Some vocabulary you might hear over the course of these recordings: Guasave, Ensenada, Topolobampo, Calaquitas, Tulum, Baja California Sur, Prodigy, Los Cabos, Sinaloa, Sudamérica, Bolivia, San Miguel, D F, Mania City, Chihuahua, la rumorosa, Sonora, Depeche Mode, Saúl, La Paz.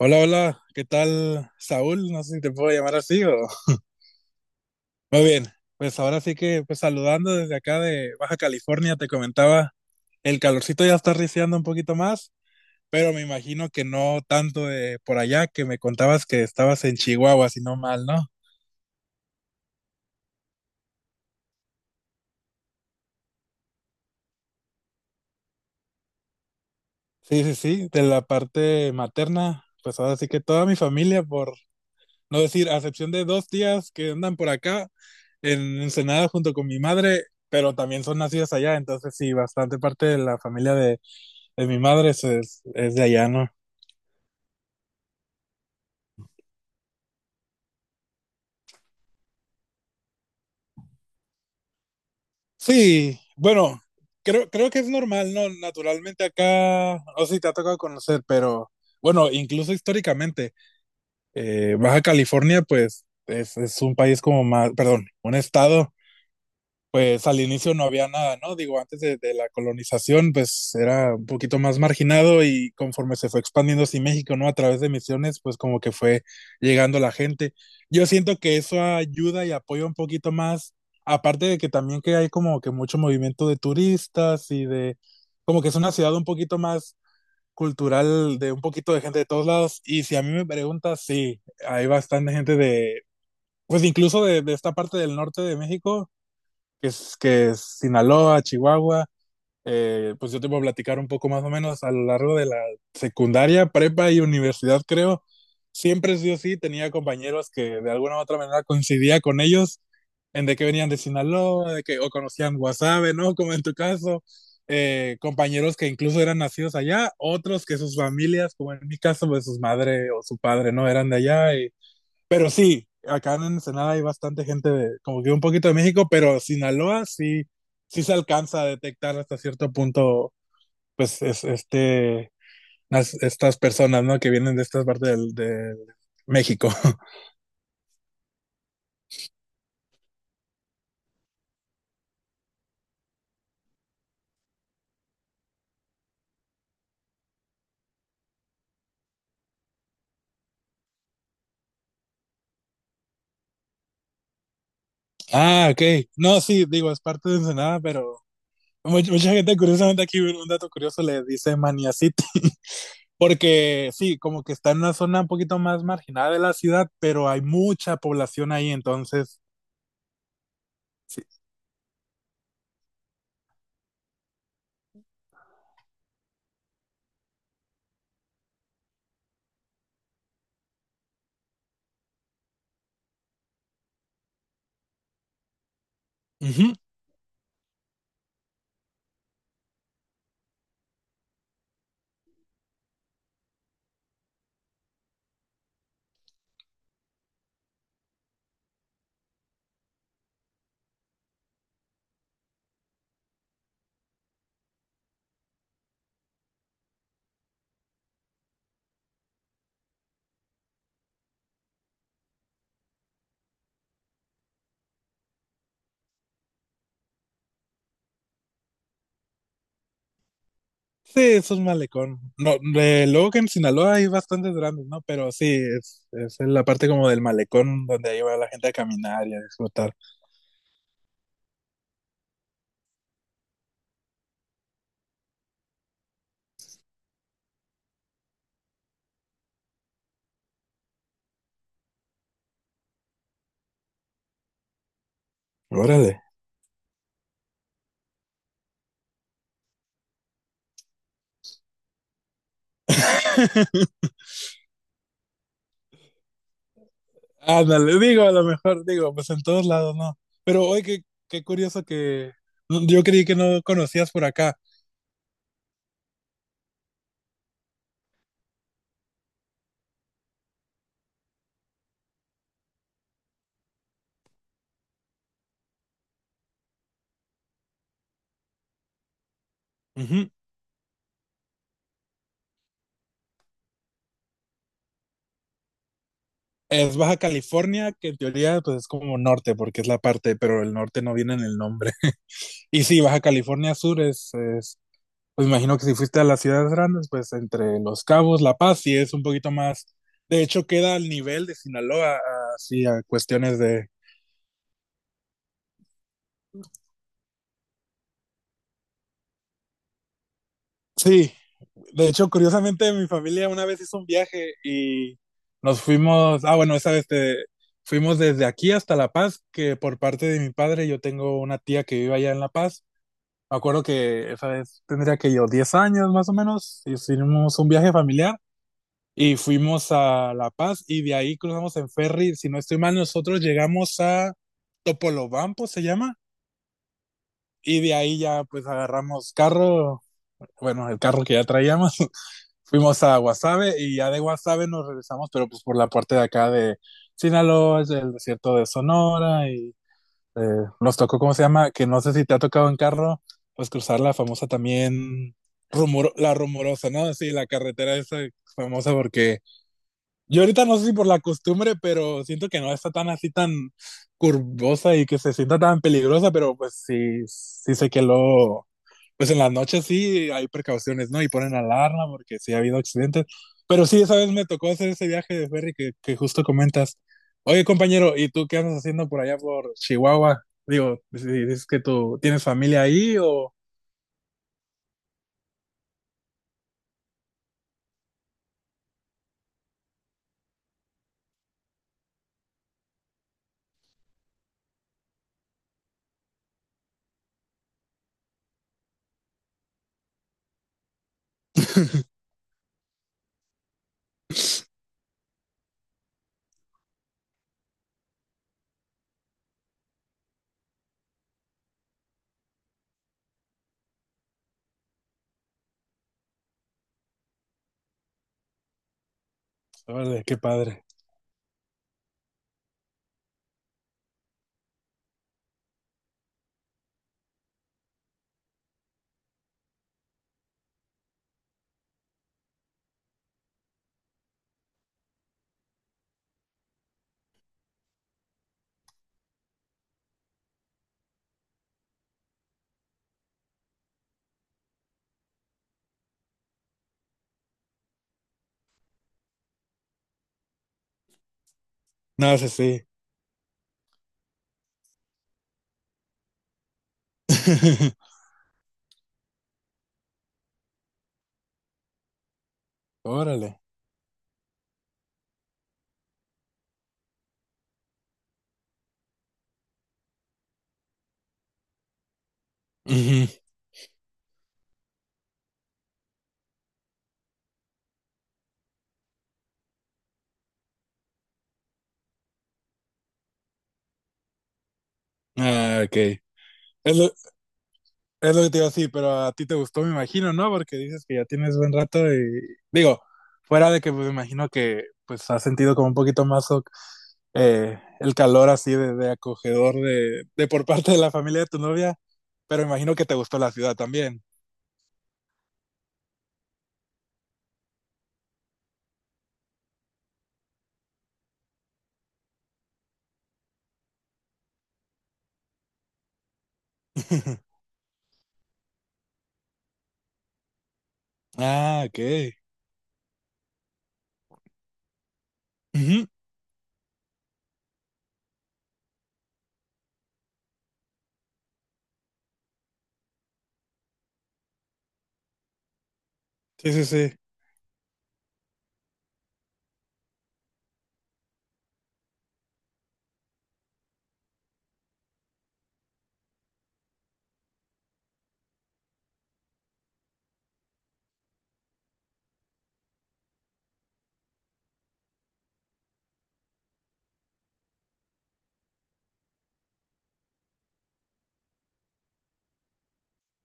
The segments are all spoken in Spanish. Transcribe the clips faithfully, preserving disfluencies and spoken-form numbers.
Hola, hola, ¿qué tal, Saúl? No sé si te puedo llamar así o... Muy bien, pues ahora sí que pues saludando desde acá de Baja California, te comentaba, el calorcito ya está riciando un poquito más, pero me imagino que no tanto de por allá, que me contabas que estabas en Chihuahua, si no mal, ¿no? Sí, sí, sí, de la parte materna, pues ahora sí que toda mi familia por No decir, a excepción de dos tías que andan por acá en Ensenada junto con mi madre, pero también son nacidas allá, entonces sí, bastante parte de la familia de, de mi madre es, es, es de allá, ¿no? Sí, bueno, creo, creo que es normal, ¿no? Naturalmente acá, no sé si te ha tocado conocer, pero bueno, incluso históricamente, eh, Baja California, pues es, es un país como más, perdón, un estado pues al inicio no había nada, ¿no? Digo, antes de, de, la colonización, pues era un poquito más marginado y conforme se fue expandiendo así México, ¿no? A través de misiones, pues como que fue llegando la gente. Yo siento que eso ayuda y apoya un poquito más, aparte de que también que hay como que mucho movimiento de turistas y de, como que es una ciudad un poquito más cultural, de un poquito de gente de todos lados. Y si a mí me preguntas, sí, hay bastante gente de, pues incluso de, de esta parte del norte de México que es, que es Sinaloa, Chihuahua. Eh, pues yo te voy a platicar un poco más o menos a lo largo de la secundaria, prepa y universidad, creo. Siempre sí o sí tenía compañeros que de alguna u otra manera coincidía con ellos en de que venían de Sinaloa, de que o conocían Guasave, ¿no? Como en tu caso, eh, compañeros que incluso eran nacidos allá, otros que sus familias, como en mi caso, pues sus madre o su padre, ¿no? Eran de allá, pero sí, acá en Ensenada hay bastante gente de, como que un poquito de México, pero Sinaloa sí, sí se alcanza a detectar hasta cierto punto, pues, es, este, las- estas personas, ¿no? Que vienen de estas partes del, de México. Ah, ok. No, sí, digo, es parte de Ensenada, pero mucha, mucha gente, curiosamente, aquí un dato curioso le dice Mania City, porque sí, como que está en una zona un poquito más marginada de la ciudad, pero hay mucha población ahí, entonces, sí. Ujú. Sí, es un malecón. No, de- luego que en Sinaloa hay bastantes grandes, ¿no? Pero sí, es, es en la parte como del malecón donde ahí va la gente a caminar y a disfrutar. Órale. Ándale, digo, a lo mejor, digo, pues en todos lados, ¿no? Pero hoy qué, qué curioso que yo creí que no conocías por acá. Ujú. Es Baja California, que en teoría pues es como norte, porque es la parte, pero el norte no viene en el nombre. Y sí, Baja California Sur es, pues imagino que si fuiste a las ciudades grandes, pues entre Los Cabos, La Paz, sí es un poquito más. De hecho, queda al nivel de Sinaloa, así a cuestiones de. Sí, de hecho, curiosamente, mi familia una vez hizo un viaje y nos fuimos. Ah, bueno, esa vez te- fuimos desde aquí hasta La Paz, que por parte de mi padre yo tengo una tía que vive allá en La Paz. Me acuerdo que esa vez tendría que yo diez años más o menos, y hicimos un viaje familiar y fuimos a La Paz y de ahí cruzamos en ferry, si no estoy mal, nosotros llegamos a Topolobampo, se llama, y de ahí ya pues agarramos carro, bueno, el carro que ya traíamos, fuimos a Guasave y ya de Guasave nos regresamos, pero pues por la parte de acá de Sinaloa, es el desierto de Sonora y eh, nos tocó, ¿cómo se llama? Que no sé si te ha tocado en carro, pues cruzar la famosa también, rumor, la rumorosa, ¿no? Sí, la carretera esa famosa porque yo ahorita no sé si por la costumbre, pero siento que no está tan así tan curvosa y que se sienta tan peligrosa, pero pues sí, sí sé que lo, pues en las noches sí hay precauciones, ¿no? Y ponen alarma porque sí ha habido accidentes. Pero sí, esa vez me tocó hacer ese viaje de ferry que, que justo comentas. Oye, compañero, ¿y tú qué andas haciendo por allá por Chihuahua? Digo, si dices que tú tienes familia ahí o... Órale, qué padre. No, sé sí. Órale. Ujú. Ah, ok. Es lo, es lo que te digo sí pero a ti te gustó, me imagino, ¿no? Porque dices que ya tienes buen rato y digo, fuera de que pues, me imagino que pues has sentido como un poquito más o- eh, el calor así de, de acogedor de, de por parte de la familia de tu novia, pero me imagino que te gustó la ciudad también. Ah, ok. Ujú. Sí, sí, sí.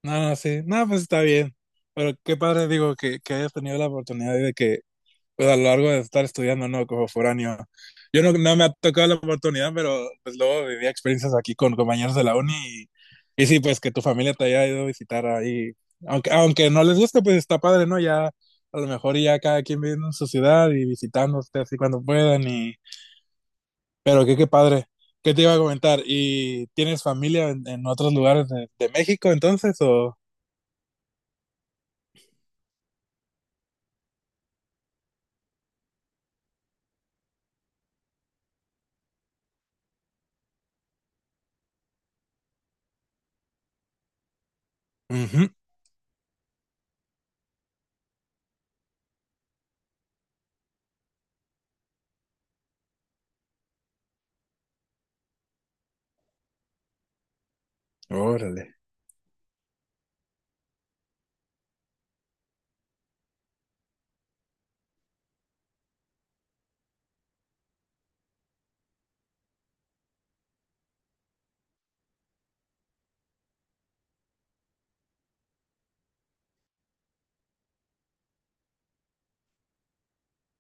No, sí, no, pues está bien. Pero qué padre, digo, que, que hayas tenido la oportunidad de que, pues a lo largo de estar estudiando, ¿no? Como foráneo. Yo no, no me ha tocado la oportunidad, pero pues luego vivía experiencias aquí con compañeros de la uni y, y sí, pues que tu familia te haya ido a visitar ahí. Aunque, aunque no les guste, pues está padre, ¿no? Ya a lo mejor ya cada quien viviendo en su ciudad y visitándote así cuando puedan y... Pero qué, qué padre. ¿Qué te iba a comentar? ¿Y tienes familia en, en otros lugares de, de México entonces o...? Órale.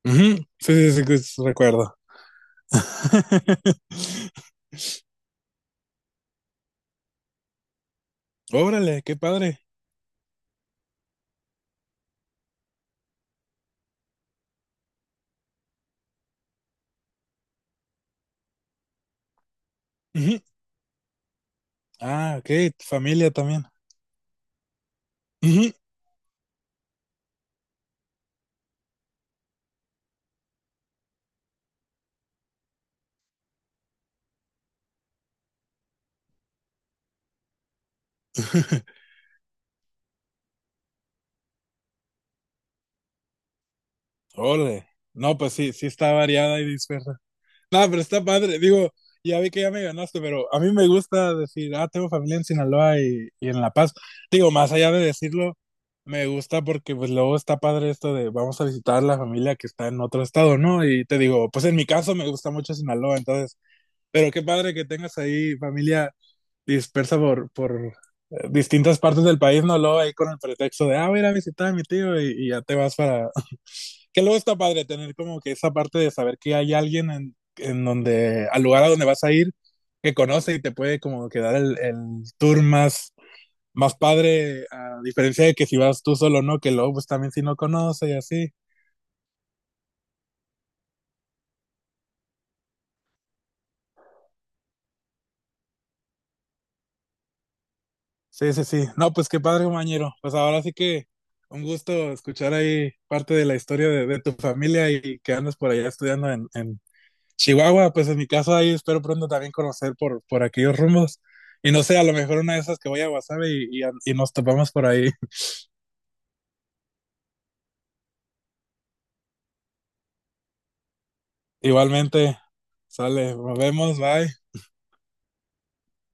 Ujú, sí, sí, sí, que sí, recuerdo. Órale, qué padre. Ujú. Ah, ok, tu familia también. Ujú. Órale. No, pues sí, sí está variada y dispersa. No, pero está padre. Digo, ya vi que ya me ganaste, pero a mí me gusta decir, ah, tengo familia en Sinaloa y, y en La Paz. Digo, más allá de decirlo, me gusta porque pues luego está padre esto de vamos a visitar la familia que está en otro estado, ¿no? Y te digo, pues en mi caso me gusta mucho Sinaloa, entonces pero qué padre que tengas ahí familia dispersa por, por eh, distintas partes del país, no lo ahí con el pretexto de, ah, voy a ir a visitar a mi tío y, y ya te vas para... Que luego está padre tener como que esa parte de saber que hay alguien en, en donde, al lugar a donde vas a ir, que conoce y te puede como que dar el, el tour más, más padre, a diferencia de que si vas tú solo, ¿no? Que luego pues también si no conoce y así. Sí, sí, sí. No, pues qué padre, compañero. Pues ahora sí que un gusto escuchar ahí parte de la historia de, de tu familia y que andas por allá estudiando en, en Chihuahua. Pues en mi caso ahí espero pronto también conocer por, por aquellos rumbos. Y no sé, a lo mejor una de esas que voy a Guasave y, y, y nos topamos por ahí. Igualmente, sale, nos vemos, bye.